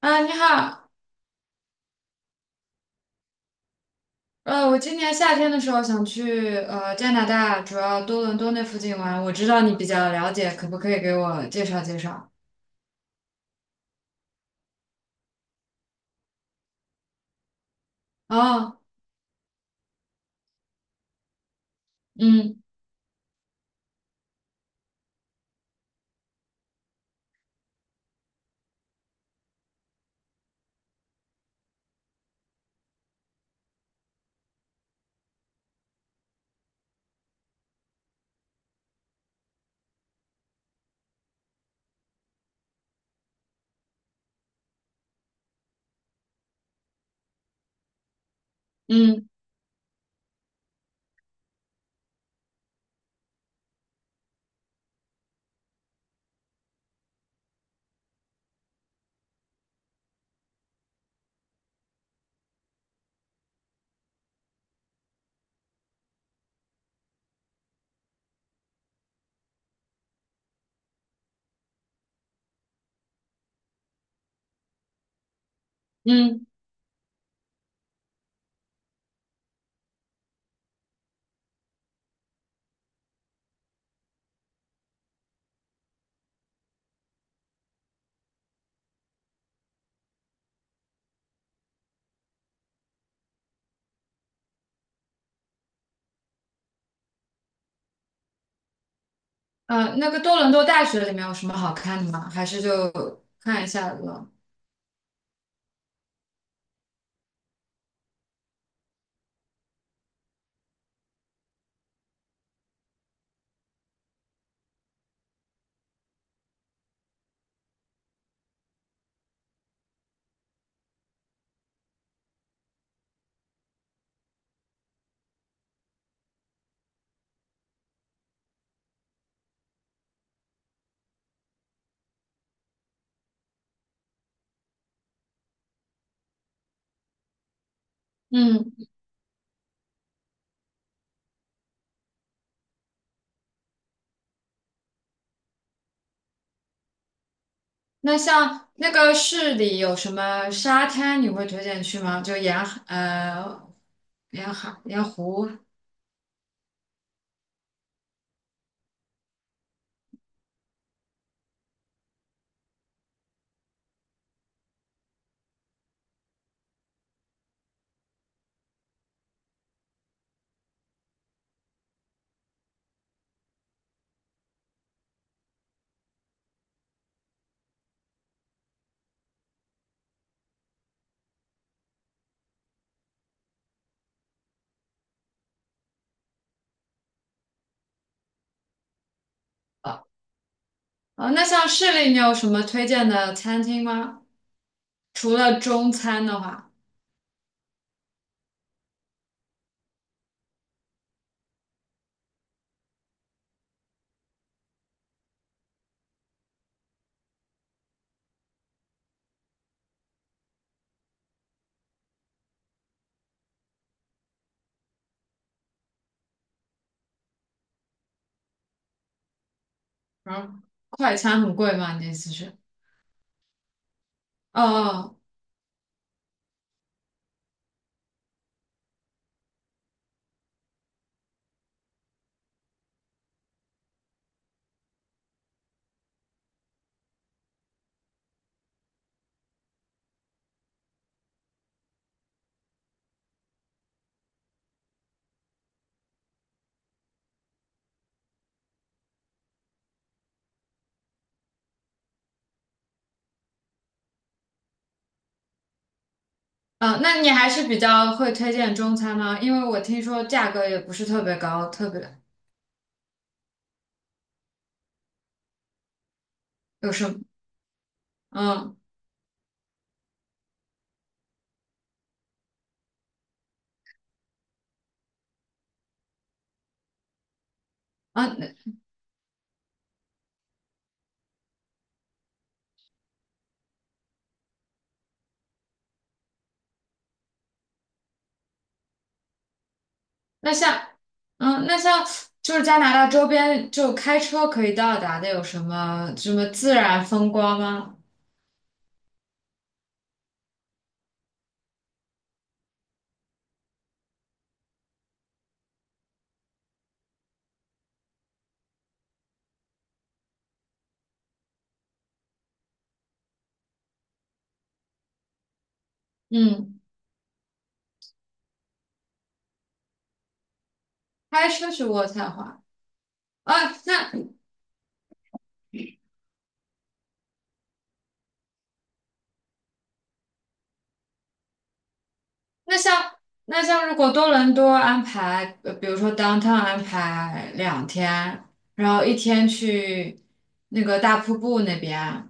啊，你好，我今年夏天的时候想去加拿大，主要多伦多那附近玩。我知道你比较了解，可不可以给我介绍介绍？哦，嗯嗯嗯，那个多伦多大学里面有什么好看的吗？还是就看一下了？嗯，那像那个市里有什么沙滩，你会推荐去吗？就沿海沿湖。呃，那像市里你有什么推荐的餐厅吗？除了中餐的话。然后快餐很贵吗？你的意思是？哦哦哦，那你还是比较会推荐中餐吗？因为我听说价格也不是特别高，特别有什么？嗯啊，那像那像就是加拿大周边就开车可以到达的有什么什么自然风光吗？嗯，开车去渥太华啊？那那像那像如果多伦多安排，比如说 downtown 安排2天，然后一天去那个大瀑布那边，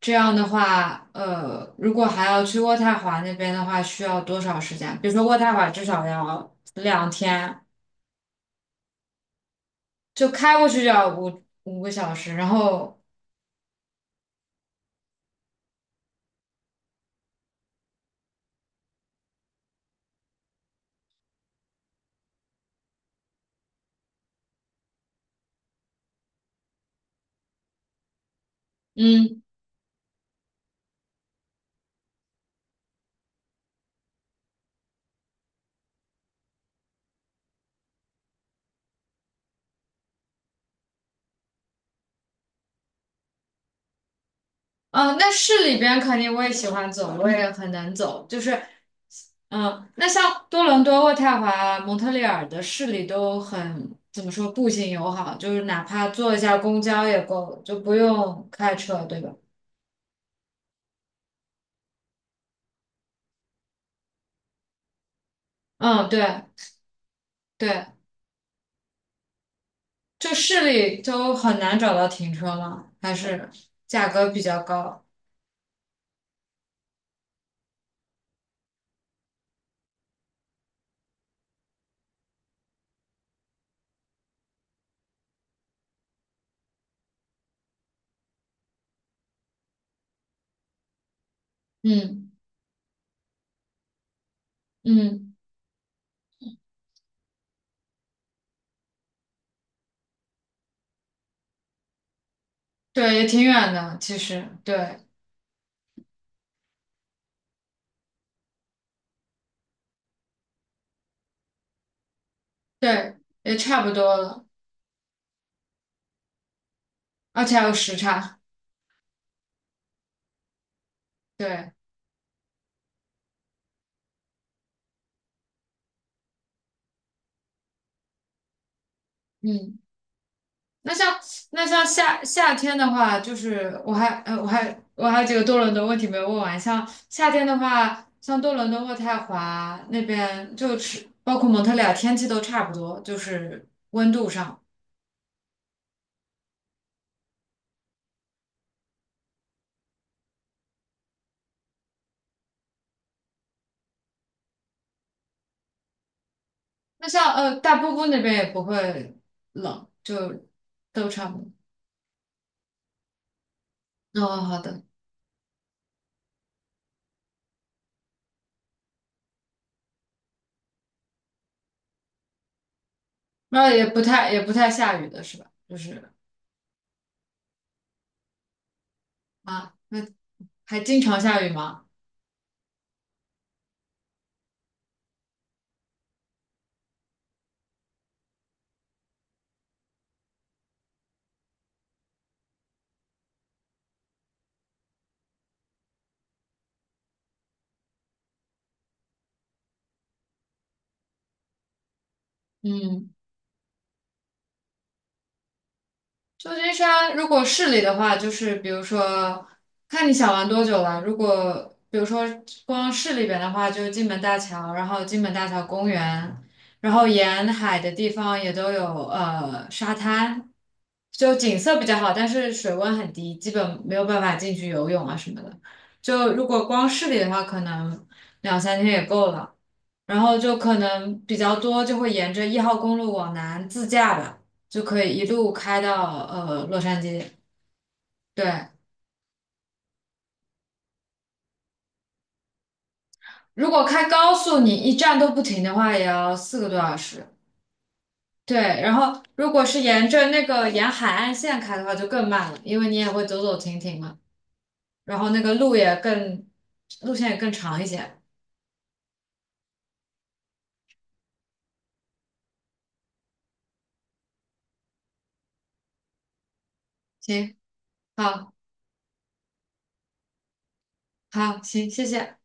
这样的话，如果还要去渥太华那边的话，需要多少时间？比如说渥太华至少要两天，就开过去就要五个小时，然后嗯。嗯，那市里边肯定我也喜欢走，我也很能走，就是那像多伦多渥太华、蒙特利尔的市里都很，怎么说，步行友好，就是哪怕坐一下公交也够，就不用开车，对吧？嗯，对对，就市里都很难找到停车嘛，还是价格比较高。嗯嗯，对，也挺远的，其实，对对，也差不多了，而且还有时差。对，嗯。那像那像夏天的话，就是我还有几个多伦多问题没有问完。像夏天的话，像多伦多、渥太华那边，就是包括蒙特利尔，天气都差不多，就是温度上。那像大瀑布那边也不会冷，就都差不多。哦，好的，那也不太下雨的是吧？就是啊，那还经常下雨吗？嗯。旧金山如果市里的话，就是比如说，看你想玩多久了。如果比如说光市里边的话，就是金门大桥，然后金门大桥公园，然后沿海的地方也都有沙滩，就景色比较好，但是水温很低，基本没有办法进去游泳啊什么的。就如果光市里的话，可能2、3天也够了。然后就可能比较多，就会沿着1号公路往南自驾吧。就可以一路开到洛杉矶。对，如果开高速，你一站都不停的话，也要4个多小时。对，然后如果是沿着那个沿海岸线开的话，就更慢了，因为你也会走走停停嘛，然后那个路线也更长一些。行，好，好，行，谢谢。